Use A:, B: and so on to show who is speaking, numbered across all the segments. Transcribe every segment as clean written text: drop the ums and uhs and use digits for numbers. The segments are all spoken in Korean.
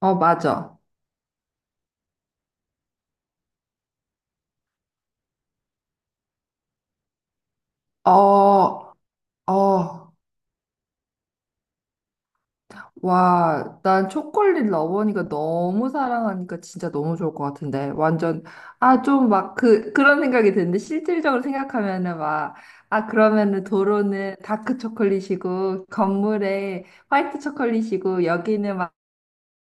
A: 어, 맞아. 어, 어, 와, 난 초콜릿 러버니까 너무 사랑하니까 진짜 너무 좋을 것 같은데. 완전, 아, 좀 막 그런 생각이 드는데, 실질적으로 생각하면은 막, 아, 그러면은 도로는 다크 초콜릿이고, 건물에 화이트 초콜릿이고, 여기는 막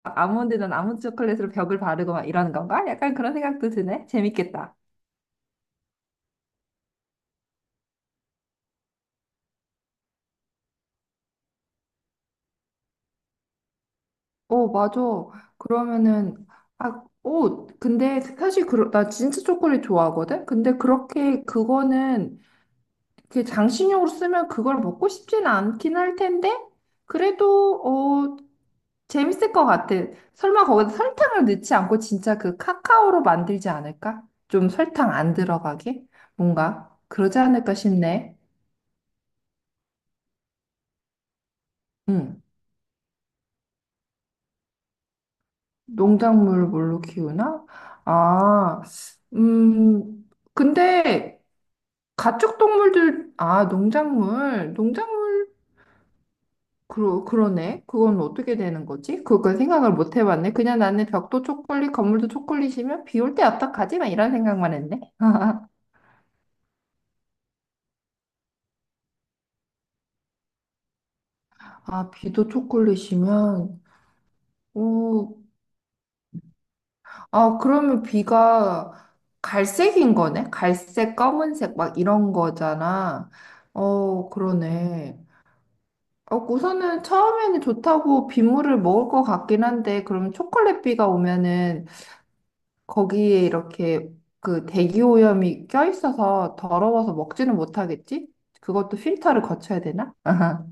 A: 아몬드는 아몬드 초콜릿으로 벽을 바르고 막 이러는 건가? 약간 그런 생각도 드네. 재밌겠다. 어, 맞아. 그러면은, 아, 오, 근데 사실 그, 나 진짜 초콜릿 좋아하거든? 근데 그렇게 그거는, 그 장식용으로 쓰면 그걸 먹고 싶지는 않긴 할 텐데, 그래도, 어, 재밌을 것 같아. 설마 거기다 설탕을 넣지 않고 진짜 그 카카오로 만들지 않을까? 좀 설탕 안 들어가게? 뭔가? 그러지 않을까 싶네. 응. 농작물을 뭘로 키우나? 아, 음, 근데, 가축동물들, 아, 농작물, 농작물, 그러네. 그건 어떻게 되는 거지? 그걸 생각을 못 해봤네. 그냥 나는 벽도 초콜릿, 건물도 초콜릿이면 비 올 때 어떡하지만 이런 생각만 했네. 아, 비도 초콜릿이면, 오, 아, 그러면 비가 갈색인 거네? 갈색, 검은색, 막 이런 거잖아. 어, 그러네. 어, 우선은 처음에는 좋다고 빗물을 먹을 것 같긴 한데, 그럼 초콜릿 비가 오면은 거기에 이렇게 그 대기오염이 껴있어서 더러워서 먹지는 못하겠지? 그것도 필터를 거쳐야 되나? 아하.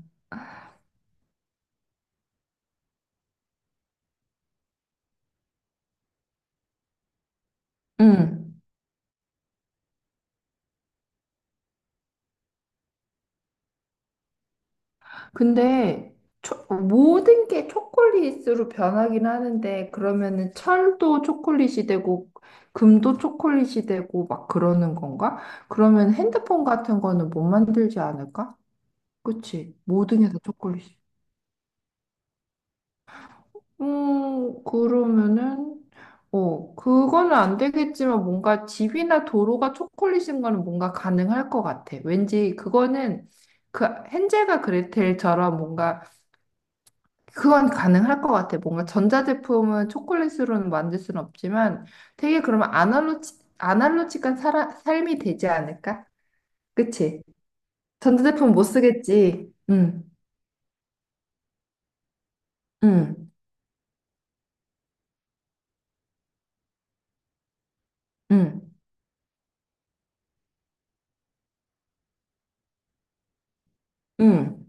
A: 응. 근데 모든 게 초콜릿으로 변하긴 하는데 그러면은 철도 초콜릿이 되고 금도 초콜릿이 되고 막 그러는 건가? 그러면 핸드폰 같은 거는 못 만들지 않을까? 그치? 모든 게 다 초콜릿. 그러면은, 어, 그거는 안 되겠지만 뭔가 집이나 도로가 초콜릿인 거는 뭔가 가능할 것 같아. 왠지 그거는 그 헨젤과 그레텔처럼 뭔가 그건 가능할 것 같아. 뭔가 전자제품은 초콜릿으로는 만들 수는 없지만 되게 그러면 아날로직한 삶이 되지 않을까? 그치? 전자제품 못 쓰겠지. 응, 응, 응, 응,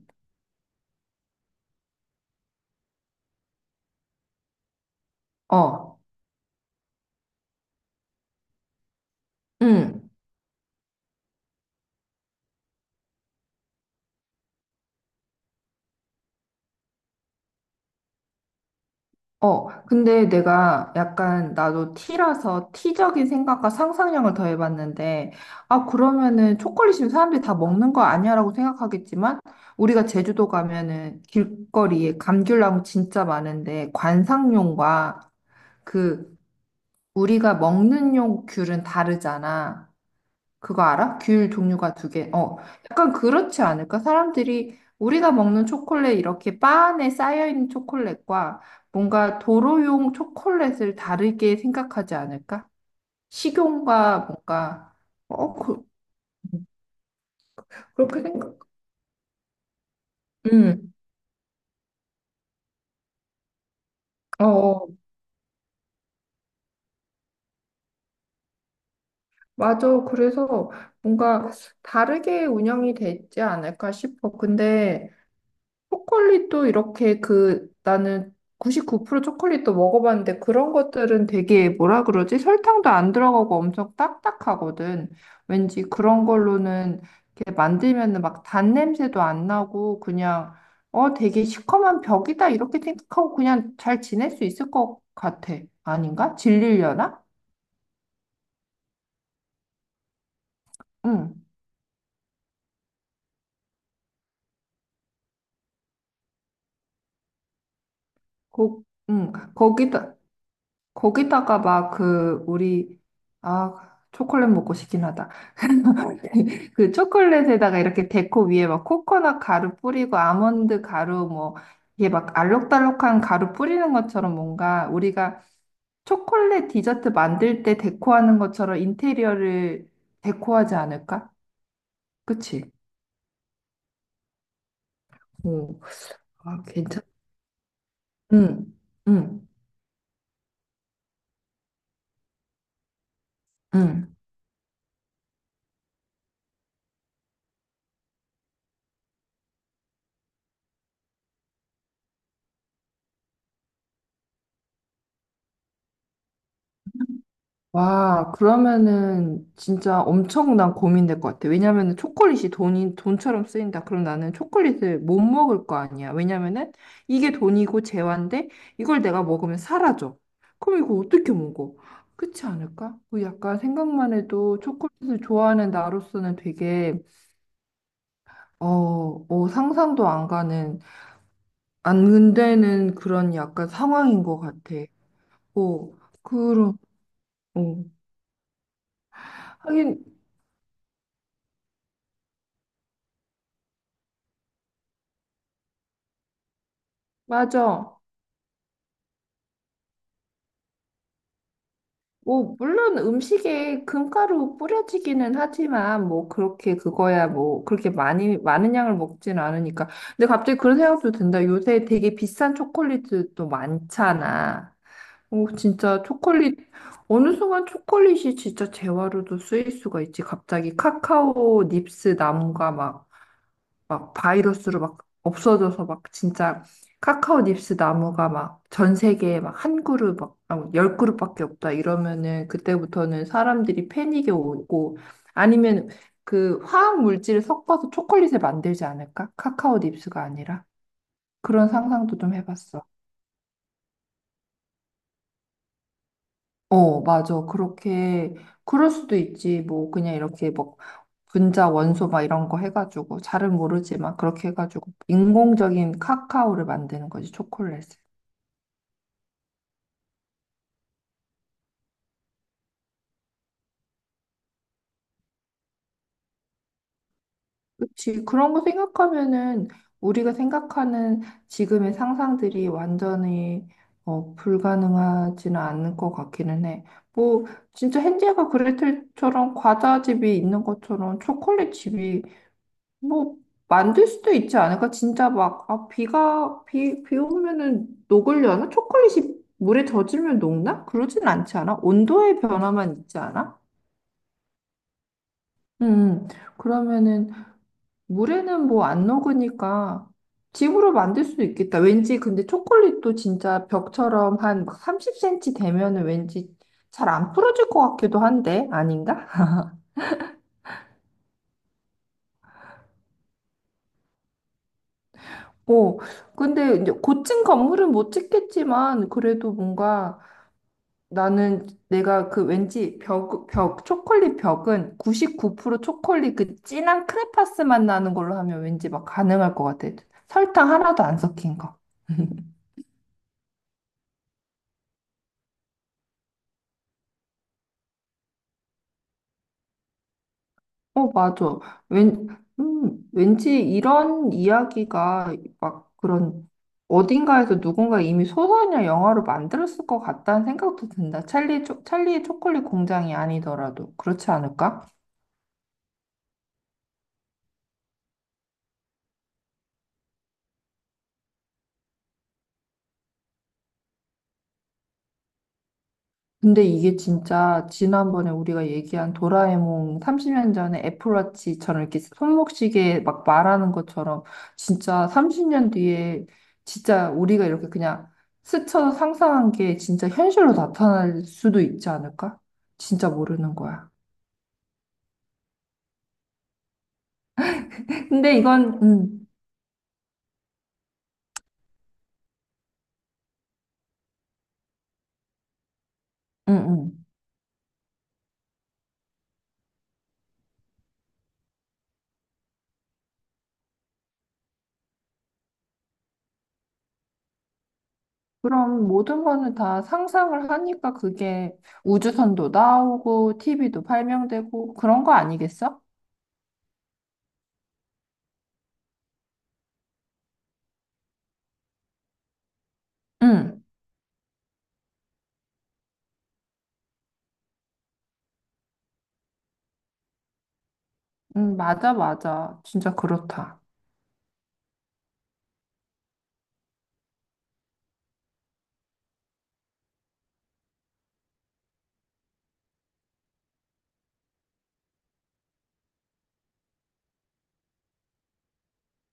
A: 어, 응. 어, 근데 내가 약간 나도 티라서 티적인 생각과 상상력을 더해봤는데, 아, 그러면은 초콜릿이면 사람들이 다 먹는 거 아니야라고 생각하겠지만, 우리가 제주도 가면은 길거리에 감귤나무 진짜 많은데, 관상용과 그 우리가 먹는 용 귤은 다르잖아. 그거 알아? 귤 종류가 두 개. 어, 약간 그렇지 않을까? 사람들이 우리가 먹는 초콜릿 이렇게 바 안에 쌓여있는 초콜릿과 뭔가 도로용 초콜릿을 다르게 생각하지 않을까? 식용과 뭔가, 어, 그렇게 생각, 음, 어, 어. 맞아. 그래서 뭔가 다르게 운영이 되지 않을까 싶어. 근데 초콜릿도 이렇게 그 나는 99% 초콜릿도 먹어봤는데 그런 것들은 되게 뭐라 그러지? 설탕도 안 들어가고 엄청 딱딱하거든. 왠지 그런 걸로는 이렇게 만들면은 막 단 냄새도 안 나고 그냥 어 되게 시커먼 벽이다 이렇게 생각하고 그냥 잘 지낼 수 있을 것 같아. 아닌가? 질리려나? 응. 거, 응. 거기다가 막 그 우리 아 초콜릿 먹고 싶긴 하다. 그 초콜릿에다가 이렇게 데코 위에 막 코코넛 가루 뿌리고 아몬드 가루 뭐 이게 막 알록달록한 가루 뿌리는 것처럼 뭔가 우리가 초콜릿 디저트 만들 때 데코하는 것처럼 인테리어를 데코하지 않을까? 그치? 오, 아, 괜찮. 응, 응, 응. 와, 그러면은 진짜 엄청난 고민될 것 같아. 왜냐면은 초콜릿이 돈처럼 쓰인다. 그럼 나는 초콜릿을 못 먹을 거 아니야. 왜냐면은 이게 돈이고 재화인데 이걸 내가 먹으면 사라져. 그럼 이거 어떻게 먹어? 그렇지 않을까? 그 약간 생각만 해도 초콜릿을 좋아하는 나로서는 되게, 어, 어, 상상도 안 가는, 안 되는 그런 약간 상황인 것 같아. 어, 그럼, 어. 하긴, 맞아. 뭐, 물론 음식에 금가루 뿌려지기는 하지만, 뭐, 그렇게 그거야, 뭐, 그렇게 많이, 많은 양을 먹진 않으니까. 근데 갑자기 그런 생각도 든다. 요새 되게 비싼 초콜릿도 많잖아. 오, 진짜 초콜릿, 어느 순간 초콜릿이 진짜 재화로도 쓰일 수가 있지. 갑자기 카카오 닙스 나무가 막 바이러스로 막 없어져서 막 진짜 카카오 닙스 나무가 막 전 세계에 막 한 그룹 막 아무 열 그룹밖에 없다 이러면은 그때부터는 사람들이 패닉에 오고 아니면 그 화학 물질을 섞어서 초콜릿을 만들지 않을까? 카카오 닙스가 아니라 그런 상상도 좀 해봤어. 어, 맞아. 그렇게, 그럴 수도 있지. 뭐, 그냥 이렇게 뭐, 분자, 원소 막 이런 거 해가지고, 잘은 모르지만, 그렇게 해가지고, 인공적인 카카오를 만드는 거지, 초콜릿을. 그치. 그런 거 생각하면은, 우리가 생각하는 지금의 상상들이 완전히, 어, 불가능하지는 않을 것 같기는 해. 뭐, 진짜 헨젤과 그레텔처럼 과자집이 있는 것처럼 초콜릿 집이 뭐 만들 수도 있지 않을까? 진짜 막 아, 비가 비 오면은 녹으려나? 초콜릿이 물에 젖으면 녹나? 그러진 않지 않아? 온도의 변화만 있지 않아? 음, 그러면은 물에는 뭐 안 녹으니까 집으로 만들 수도 있겠다. 왠지 근데 초콜릿도 진짜 벽처럼 한 30cm 되면은 왠지 잘 안 풀어질 것 같기도 한데 아닌가? 어, 근데 이제 고층 건물은 못 짓겠지만 그래도 뭔가 나는 내가 그 왠지 초콜릿 벽은 99% 초콜릿 그 진한 크레파스 맛 나는 걸로 하면 왠지 막 가능할 것 같아. 설탕 하나도 안 섞인 거. 어, 맞아. 왠, 왠지 이런 이야기가 막 그런 어딘가에서 누군가 이미 소설이나 영화로 만들었을 것 같다는 생각도 든다. 찰리의 초콜릿 공장이 아니더라도. 그렇지 않을까? 근데 이게 진짜 지난번에 우리가 얘기한 도라에몽 30년 전에 애플워치처럼 이렇게 손목시계 막 말하는 것처럼 진짜 30년 뒤에 진짜 우리가 이렇게 그냥 스쳐 상상한 게 진짜 현실로 나타날 수도 있지 않을까? 진짜 모르는 거야. 근데 이건, 음, 음. 그럼 모든 거는 다 상상을 하니까 그게 우주선도 나오고 TV도 발명되고 그런 거 아니겠어? 응. 맞아, 맞아. 진짜 그렇다.